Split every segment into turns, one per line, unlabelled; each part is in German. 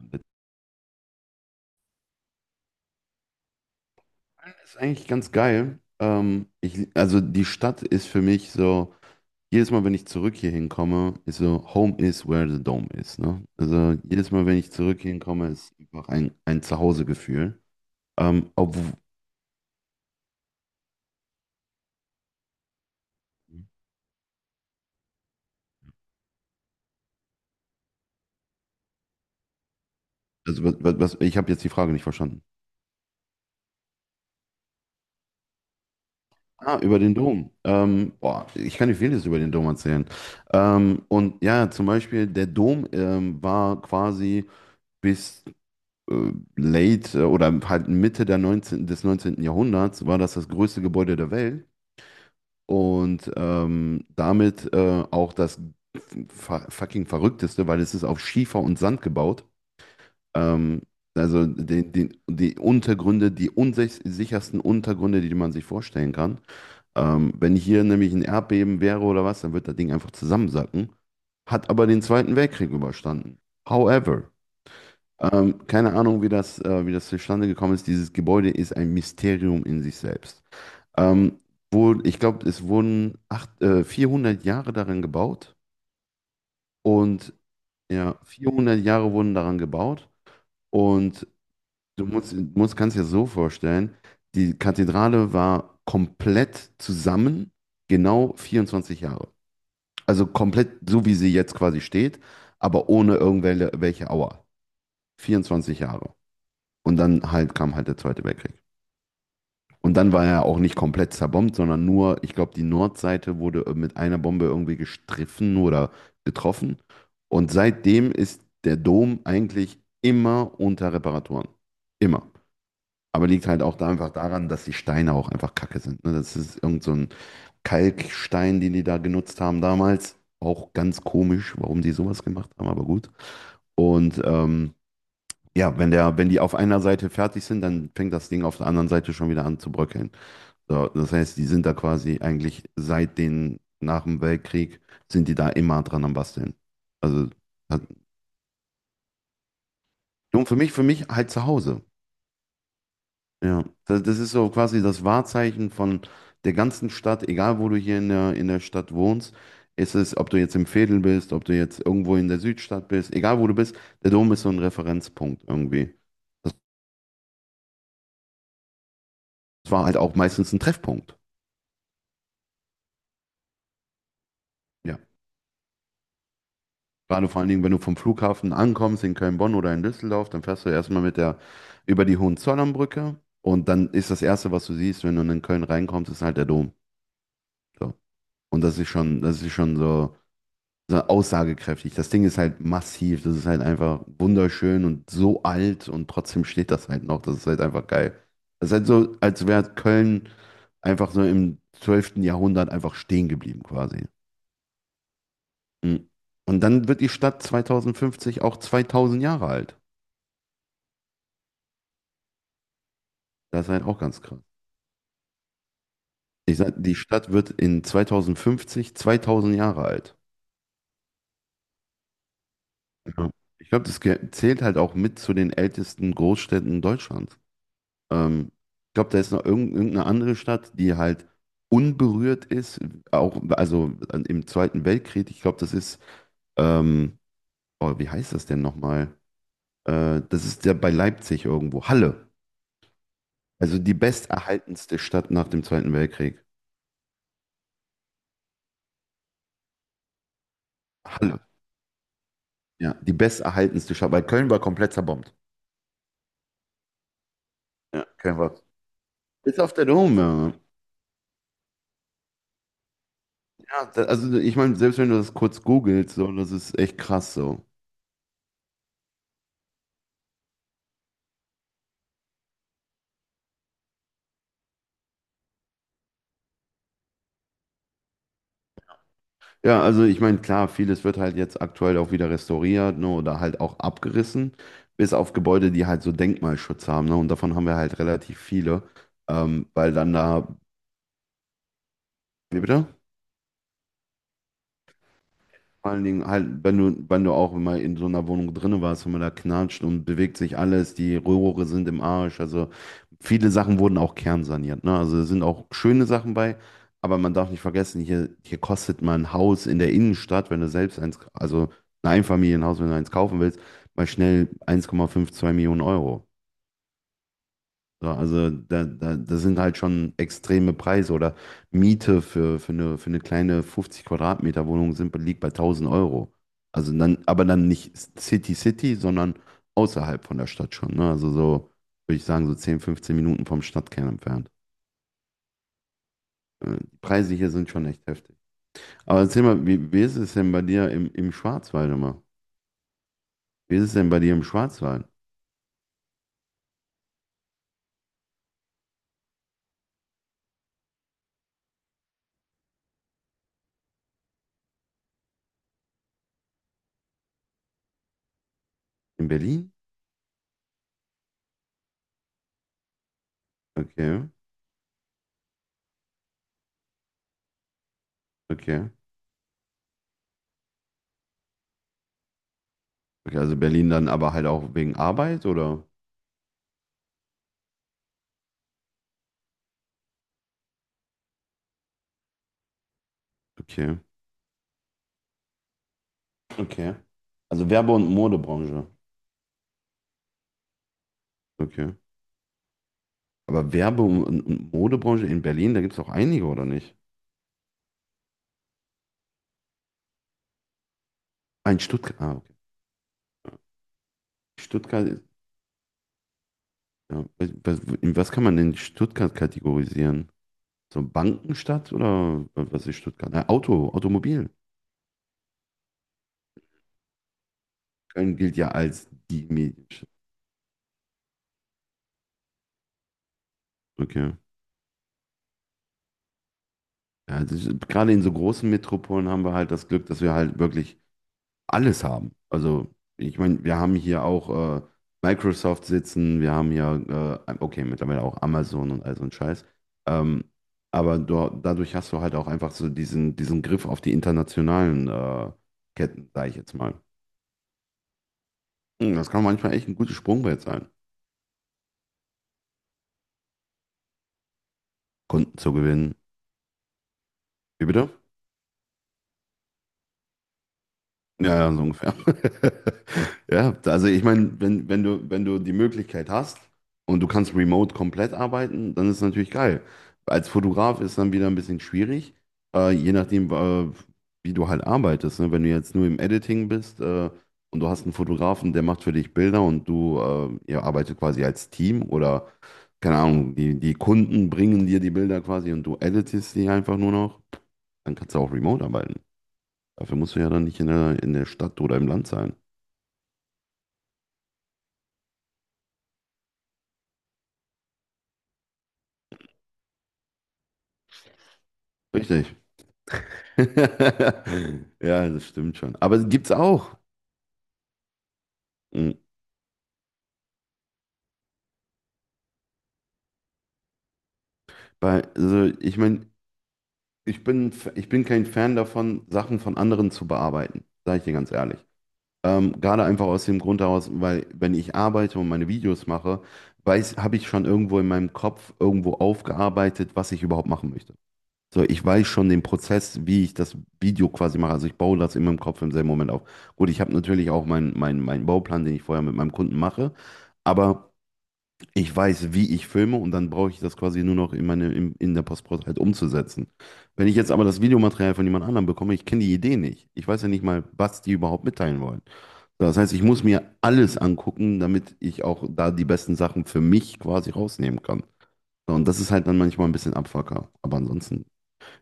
Bezahlen. Ist eigentlich ganz geil. Also die Stadt ist für mich so, jedes Mal, wenn ich zurück hier hinkomme, ist so, Home is where the dome is. Ne? Also jedes Mal, wenn ich zurück hier hinkomme, ist einfach ein Zuhausegefühl. Ähm, obw- also ich habe jetzt die Frage nicht verstanden. Ah, über den Dom. Boah, ich kann dir vieles über den Dom erzählen. Und ja, zum Beispiel, der Dom war quasi bis late oder halt Mitte der des neunzehnten Jahrhunderts war das größte Gebäude der Welt und damit auch das fucking verrückteste, weil es ist auf Schiefer und Sand gebaut. Ähm, also die Untergründe, die unsichersten Untergründe, die man sich vorstellen kann. Wenn hier nämlich ein Erdbeben wäre oder was, dann wird das Ding einfach zusammensacken. Hat aber den Zweiten Weltkrieg überstanden. However, keine Ahnung, wie das zustande gekommen ist. Dieses Gebäude ist ein Mysterium in sich selbst. Ähm, Wo, ich glaube, es wurden 400 Jahre daran gebaut. Und ja, 400 Jahre wurden daran gebaut. Und du kannst dir das so vorstellen, die Kathedrale war komplett zusammen, genau 24 Jahre. Also komplett so, wie sie jetzt quasi steht, aber ohne irgendwelche welche Auer. 24 Jahre. Und dann halt kam halt der Zweite Weltkrieg. Und dann war er auch nicht komplett zerbombt, sondern nur, ich glaube, die Nordseite wurde mit einer Bombe irgendwie gestriffen oder getroffen. Und seitdem ist der Dom eigentlich immer unter Reparaturen. Immer. Aber liegt halt auch da einfach daran, dass die Steine auch einfach kacke sind. Ne? Das ist irgend so ein Kalkstein, den die da genutzt haben damals. Auch ganz komisch, warum die sowas gemacht haben, aber gut. Und ja, wenn wenn die auf einer Seite fertig sind, dann fängt das Ding auf der anderen Seite schon wieder an zu bröckeln. So, das heißt, die sind da quasi eigentlich nach dem Weltkrieg sind die da immer dran am Basteln. Also, hat, und für mich halt zu Hause. Ja, das ist so quasi das Wahrzeichen von der ganzen Stadt, egal wo du hier in der Stadt wohnst. Ob du jetzt im Veedel bist, ob du jetzt irgendwo in der Südstadt bist, egal wo du bist, der Dom ist so ein Referenzpunkt irgendwie. Das war halt auch meistens ein Treffpunkt. Ja. Gerade vor allen Dingen, wenn du vom Flughafen ankommst in Köln-Bonn oder in Düsseldorf, dann fährst du erstmal mit der über die Hohenzollernbrücke und dann ist das Erste, was du siehst, wenn du in Köln reinkommst, ist halt der Dom. So. Und das ist schon so, so aussagekräftig. Das Ding ist halt massiv, das ist halt einfach wunderschön und so alt und trotzdem steht das halt noch. Das ist halt einfach geil. Das ist halt so, als wäre Köln einfach so im 12. Jahrhundert einfach stehen geblieben quasi. Mhm. Und dann wird die Stadt 2050 auch 2000 Jahre alt. Das ist halt auch ganz krass. Ich sag, die Stadt wird in 2050 2000 Jahre alt. Ja. Ich glaube, das zählt halt auch mit zu den ältesten Großstädten Deutschlands. Ähm, Ich glaube, da ist noch irgendeine andere Stadt, die halt unberührt ist, auch also im Zweiten Weltkrieg. Ich glaube, das ist, ähm, oh, wie heißt das denn nochmal? Das ist ja bei Leipzig irgendwo. Halle. Also die besterhaltenste Stadt nach dem Zweiten Weltkrieg. Halle. Ja, die besterhaltenste Stadt, weil Köln war komplett zerbombt. Ja. Kein Wort. Ist auf der Dome, ja. Ja, da, also ich meine, selbst wenn du das kurz googelst, so, das ist echt krass so. Ja, also ich meine, klar, vieles wird halt jetzt aktuell auch wieder restauriert, ne, oder halt auch abgerissen, bis auf Gebäude, die halt so Denkmalschutz haben, ne, und davon haben wir halt relativ viele, weil dann da, wie bitte? Vor allen Dingen halt, wenn du auch immer in so einer Wohnung drinne warst, wenn man da knatscht und bewegt sich alles, die Rohre sind im Arsch. Also viele Sachen wurden auch kernsaniert. Ne? Also es sind auch schöne Sachen bei, aber man darf nicht vergessen, hier kostet mal ein Haus in der Innenstadt, wenn du selbst eins, also ein Einfamilienhaus, wenn du eins kaufen willst, mal schnell 1,5, 2 Millionen Euro. So, also das sind halt schon extreme Preise oder Miete für eine kleine 50 Quadratmeter Wohnung sind, liegt bei 1.000 Euro. Also dann, aber dann nicht City City, sondern außerhalb von der Stadt schon. Ne? Also so, würde ich sagen, so 10, 15 Minuten vom Stadtkern entfernt. Die Preise hier sind schon echt heftig. Aber erzähl mal, wie ist es denn bei dir im Schwarzwald immer? Wie ist es denn bei dir im Schwarzwald? In Berlin? Okay, okay. Okay, also Berlin dann aber halt auch wegen Arbeit oder? Okay. Okay. Also Werbe- und Modebranche. Okay. Aber Werbe- und Modebranche in Berlin, da gibt es auch einige, oder nicht? Ah, in Stuttgart. Ah, okay. Stuttgart, ja. In was kann man denn Stuttgart kategorisieren? So Bankenstadt oder was ist Stuttgart? Na, Auto, Automobil. Köln gilt ja als die Medienstadt. Okay. Ja, das ist, gerade in so großen Metropolen haben wir halt das Glück, dass wir halt wirklich alles haben. Also, ich meine, wir haben hier auch Microsoft sitzen, wir haben hier, okay, mittlerweile auch Amazon und all so ein Scheiß. Ähm, aber dadurch hast du halt auch einfach so diesen Griff auf die internationalen Ketten, sage ich jetzt mal. Das kann manchmal echt ein gutes Sprungbrett sein, Kunden zu gewinnen. Wie bitte? Ja, ja, so ungefähr. Ja, also ich meine, wenn du die Möglichkeit hast und du kannst remote komplett arbeiten, dann ist es natürlich geil. Als Fotograf ist dann wieder ein bisschen schwierig, je nachdem, wie du halt arbeitest. Ne? Wenn du jetzt nur im Editing bist und du hast einen Fotografen, der macht für dich Bilder und ihr arbeitet quasi als Team oder, keine Ahnung, die Kunden bringen dir die Bilder quasi und du editest die einfach nur noch, dann kannst du auch remote arbeiten. Dafür musst du ja dann nicht in der Stadt oder im Land sein. Richtig. Richtig. Ja, das stimmt schon. Aber gibt's auch. Mhm. Also ich meine, ich bin kein Fan davon, Sachen von anderen zu bearbeiten, sage ich dir ganz ehrlich. Gerade einfach aus dem Grund heraus, weil wenn ich arbeite und meine Videos mache, habe ich schon irgendwo in meinem Kopf irgendwo aufgearbeitet, was ich überhaupt machen möchte. So, ich weiß schon den Prozess, wie ich das Video quasi mache. Also ich baue das in meinem Kopf im selben Moment auf. Gut, ich habe natürlich auch meinen Bauplan, den ich vorher mit meinem Kunden mache, aber ich weiß, wie ich filme und dann brauche ich das quasi nur noch in der Postprozess halt umzusetzen. Wenn ich jetzt aber das Videomaterial von jemand anderem bekomme, ich kenne die Idee nicht. Ich weiß ja nicht mal, was die überhaupt mitteilen wollen. So, das heißt, ich muss mir alles angucken, damit ich auch da die besten Sachen für mich quasi rausnehmen kann. So. Und das ist halt dann manchmal ein bisschen Abfucker. Aber ansonsten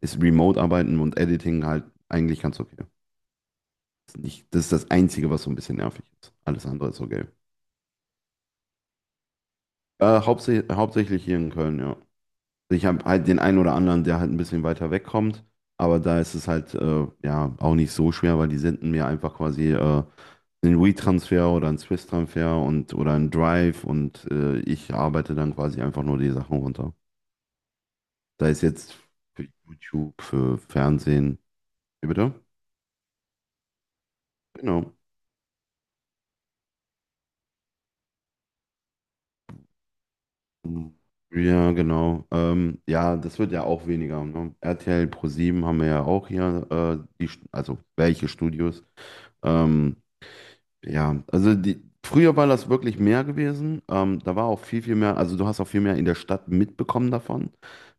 ist Remote-Arbeiten und Editing halt eigentlich ganz okay. Ist nicht, das ist das Einzige, was so ein bisschen nervig ist. Alles andere ist okay. Hauptsächlich hier in Köln, ja. Ich habe halt den einen oder anderen, der halt ein bisschen weiter wegkommt, aber da ist es halt ja auch nicht so schwer, weil die senden mir einfach quasi einen WeTransfer oder einen Swiss-Transfer und oder einen Drive und ich arbeite dann quasi einfach nur die Sachen runter. Da ist jetzt für YouTube, für Fernsehen. Wie bitte? Genau. Ja, genau. Ja, das wird ja auch weniger. Ne? RTL Pro7 haben wir ja auch hier, also welche Studios. Ähm, ja, also früher war das wirklich mehr gewesen. Da war auch viel, viel mehr, also du hast auch viel mehr in der Stadt mitbekommen davon.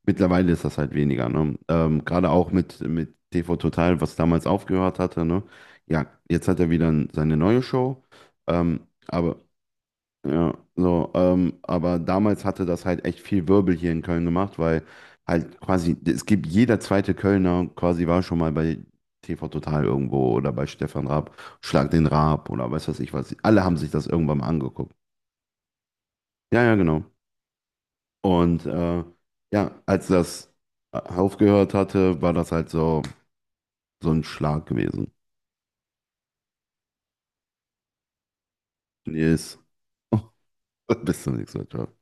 Mittlerweile ist das halt weniger. Ne? Gerade auch mit TV Total, was damals aufgehört hatte. Ne? Ja, jetzt hat er wieder seine neue Show. Ähm, aber. Ja, so, aber damals hatte das halt echt viel Wirbel hier in Köln gemacht, weil halt quasi, es gibt jeder zweite Kölner quasi war schon mal bei TV Total irgendwo oder bei Stefan Raab, Schlag den Raab oder weiß was ich was. Alle haben sich das irgendwann mal angeguckt. Ja, ja, genau. Und ja, als das aufgehört hatte, war das halt so, so ein Schlag gewesen. Yes. Bis zum nächsten Mal. Ciao.